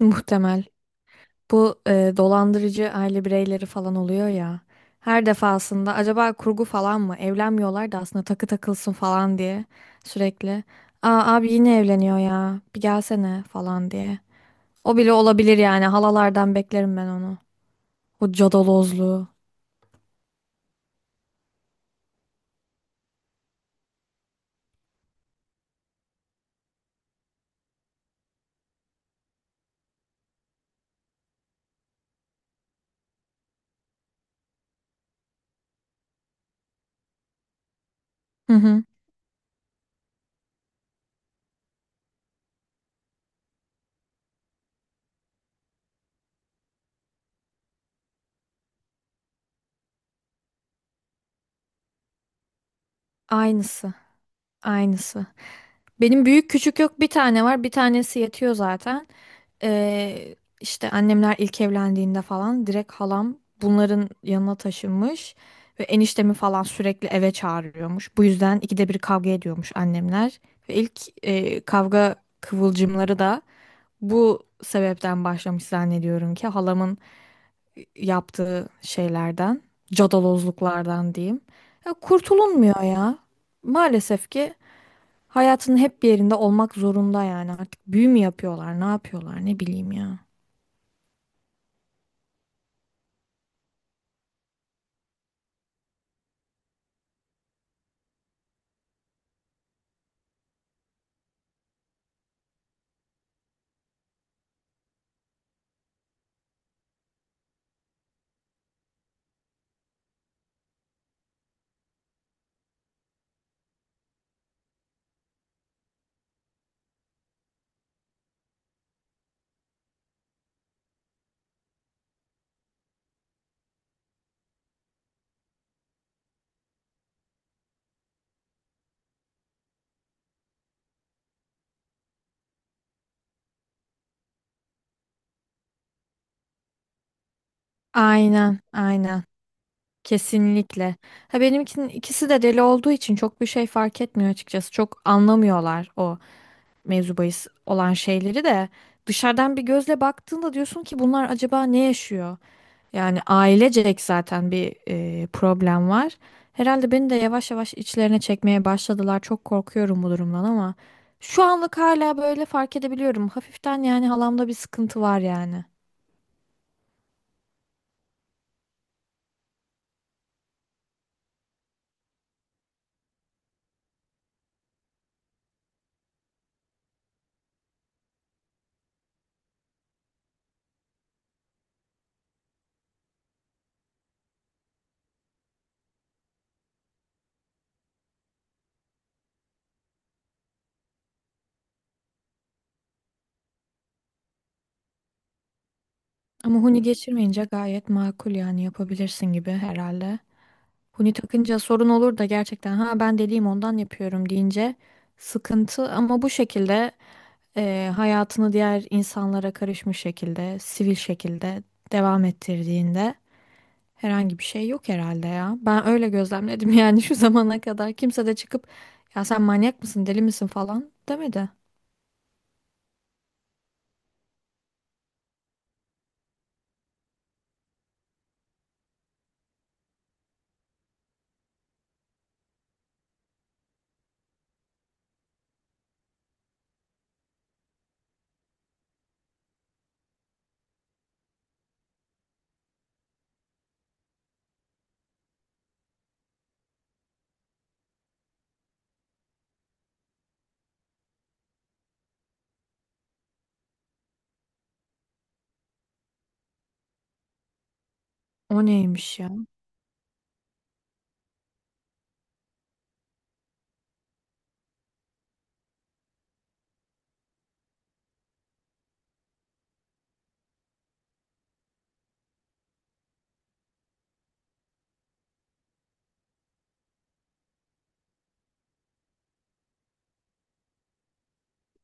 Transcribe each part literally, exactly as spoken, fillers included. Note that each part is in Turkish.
Muhtemel. Bu e, dolandırıcı aile bireyleri falan oluyor ya. Her defasında acaba kurgu falan mı? Evlenmiyorlar da aslında takı takılsın falan diye sürekli. Aa abi yine evleniyor ya. Bir gelsene falan diye. O bile olabilir yani. Halalardan beklerim ben onu. O cadalozluğu. Hı hı. Aynısı. Aynısı. Benim büyük küçük yok bir tane var. Bir tanesi yetiyor zaten. Ee, işte annemler ilk evlendiğinde falan direkt halam bunların yanına taşınmış. Ve eniştemi falan sürekli eve çağırıyormuş. Bu yüzden ikide bir kavga ediyormuş annemler. Ve ilk e, kavga kıvılcımları da bu sebepten başlamış zannediyorum ki halamın yaptığı şeylerden, cadalozluklardan diyeyim. Ya kurtulunmuyor ya. Maalesef ki hayatın hep bir yerinde olmak zorunda yani artık büyü mü yapıyorlar, ne yapıyorlar ne bileyim ya. Aynen, aynen. Kesinlikle. Ha benimkinin ikisi de deli olduğu için çok bir şey fark etmiyor açıkçası. Çok anlamıyorlar o mevzu bahis olan şeyleri de. Dışarıdan bir gözle baktığında diyorsun ki bunlar acaba ne yaşıyor? Yani ailecek zaten bir e, problem var. Herhalde beni de yavaş yavaş içlerine çekmeye başladılar. Çok korkuyorum bu durumdan ama şu anlık hala böyle fark edebiliyorum. Hafiften yani halamda bir sıkıntı var yani. Ama huni geçirmeyince gayet makul yani yapabilirsin gibi herhalde. Huni takınca sorun olur da gerçekten ha ben deliyim ondan yapıyorum deyince sıkıntı ama bu şekilde e, hayatını diğer insanlara karışmış şekilde, sivil şekilde devam ettirdiğinde herhangi bir şey yok herhalde ya. Ben öyle gözlemledim yani şu zamana kadar kimse de çıkıp ya sen manyak mısın, deli misin falan demedi. O neymiş ya?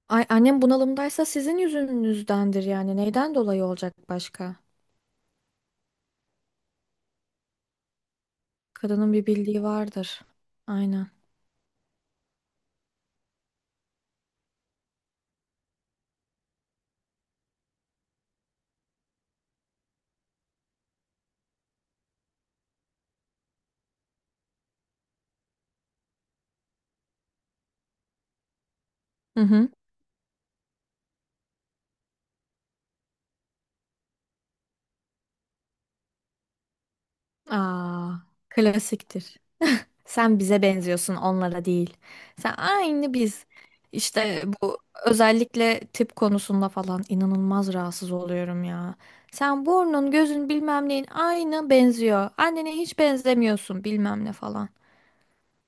Ay annem bunalımdaysa sizin yüzünüzdendir yani. Neyden dolayı olacak başka? Kadının bir bildiği vardır. Aynen. Hı hı. Aa, klasiktir. Sen bize benziyorsun, onlara değil. Sen aynı biz. İşte bu özellikle tip konusunda falan inanılmaz rahatsız oluyorum ya. Sen burnun, gözün bilmem neyin aynı benziyor. Annene hiç benzemiyorsun bilmem ne falan.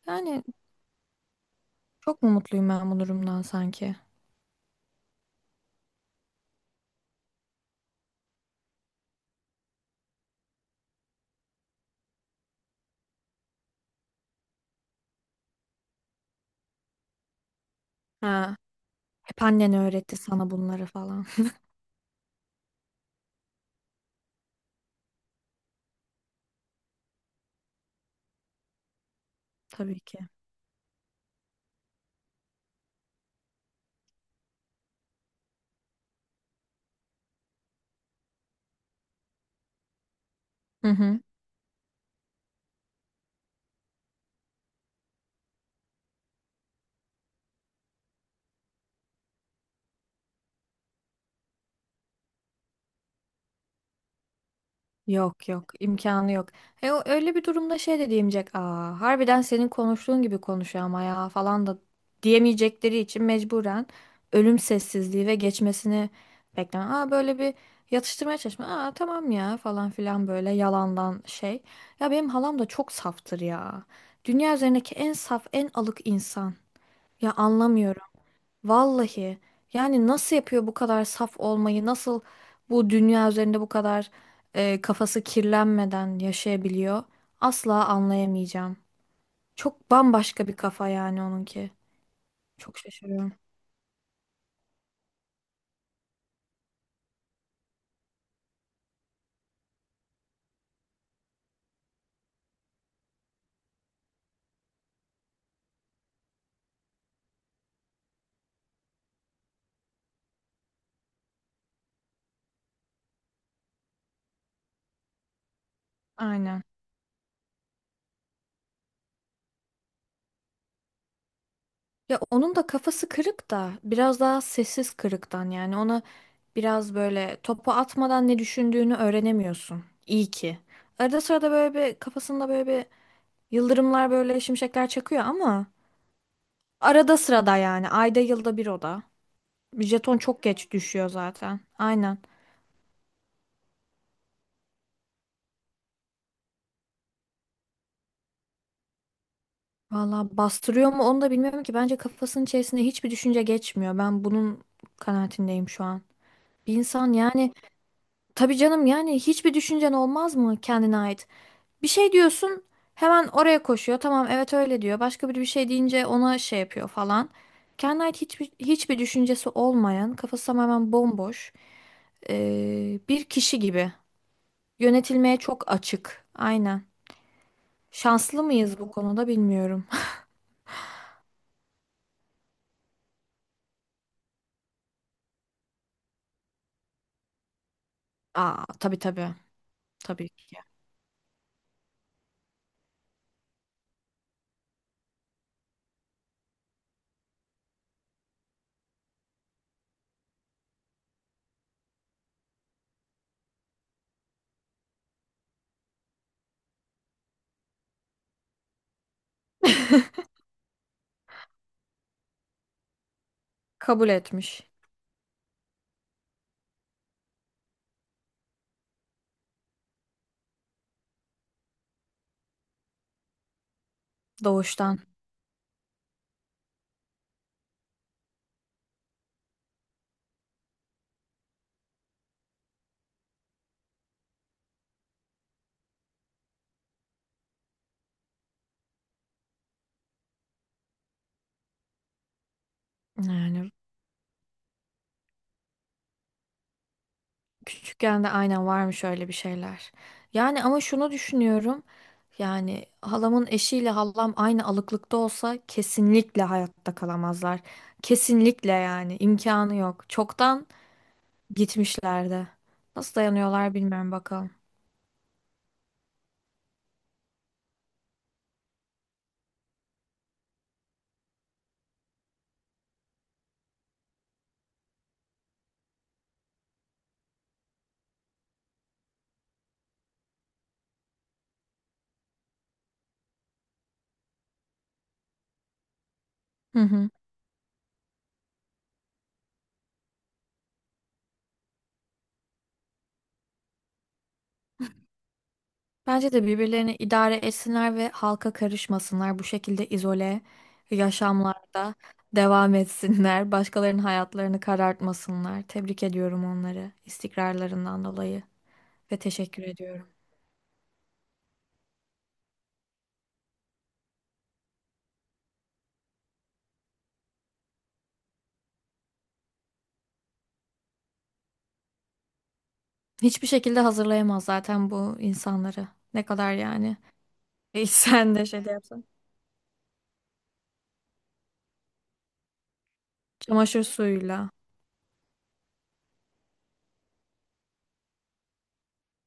Yani çok mu mutluyum ben bu durumdan sanki? Ha, hep annen öğretti sana bunları falan. Tabii ki. Hı hı. Yok yok imkanı yok. E, o, öyle bir durumda şey de diyemeyecek. Aa, harbiden senin konuştuğun gibi konuşuyor ama ya falan da diyemeyecekleri için mecburen ölüm sessizliği ve geçmesini bekleme. Aa böyle bir yatıştırmaya çalışma. Aa tamam ya falan filan böyle yalandan şey. Ya benim halam da çok saftır ya. Dünya üzerindeki en saf en alık insan. Ya anlamıyorum. Vallahi yani nasıl yapıyor bu kadar saf olmayı? Nasıl bu dünya üzerinde bu kadar e, kafası kirlenmeden yaşayabiliyor? Asla anlayamayacağım. Çok bambaşka bir kafa yani onunki. Çok şaşırıyorum. Aynen. Ya onun da kafası kırık da biraz daha sessiz kırıktan yani ona biraz böyle topu atmadan ne düşündüğünü öğrenemiyorsun. İyi ki. Arada sırada böyle bir kafasında böyle bir yıldırımlar böyle şimşekler çakıyor ama arada sırada yani. Ayda yılda bir oda. Jeton çok geç düşüyor zaten. Aynen. Valla bastırıyor mu onu da bilmiyorum ki. Bence kafasının içerisinde hiçbir düşünce geçmiyor. Ben bunun kanaatindeyim şu an. Bir insan yani tabii canım yani hiçbir düşüncen olmaz mı kendine ait? Bir şey diyorsun hemen oraya koşuyor. Tamam evet öyle diyor. Başka biri bir şey deyince ona şey yapıyor falan. Kendine ait hiçbir, hiçbir düşüncesi olmayan, kafası tamamen bomboş, ee, bir kişi gibi. Yönetilmeye çok açık. Aynen. Şanslı mıyız bu konuda bilmiyorum. Aa, tabii tabii. Tabii ki. Kabul etmiş doğuştan. Yani küçükken de aynen varmış öyle bir şeyler. Yani ama şunu düşünüyorum. Yani halamın eşiyle halam aynı alıklıkta olsa kesinlikle hayatta kalamazlar. Kesinlikle yani imkanı yok. Çoktan gitmişlerdi. Nasıl dayanıyorlar bilmiyorum bakalım. Hı hı. Bence de birbirlerini idare etsinler ve halka karışmasınlar. Bu şekilde izole yaşamlarda devam etsinler. Başkalarının hayatlarını karartmasınlar. Tebrik ediyorum onları istikrarlarından dolayı ve teşekkür ediyorum. Hiçbir şekilde hazırlayamaz zaten bu insanları. Ne kadar yani. E, sen de şey de yapsan. Çamaşır suyuyla.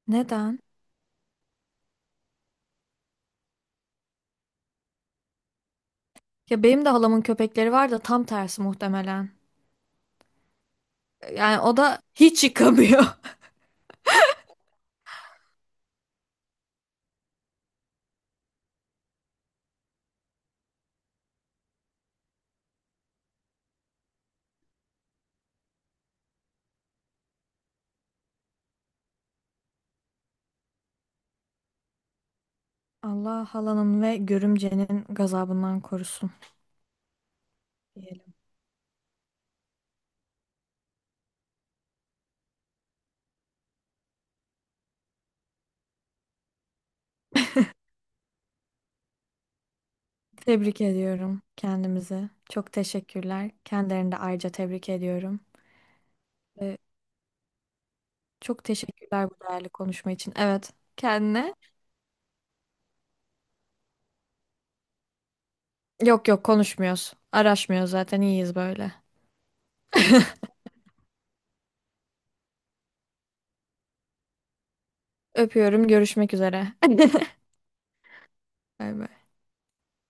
Neden? Ya benim de halamın köpekleri var da tam tersi muhtemelen. Yani o da hiç yıkamıyor. Allah halanın ve görümcenin gazabından korusun diyelim. Tebrik ediyorum kendimizi. Çok teşekkürler. Kendilerini de ayrıca tebrik ediyorum. Ve çok teşekkürler bu değerli konuşma için. Evet, kendine. Yok yok konuşmuyoruz. Araşmıyoruz zaten iyiyiz böyle. Öpüyorum. Görüşmek üzere. Bay bay.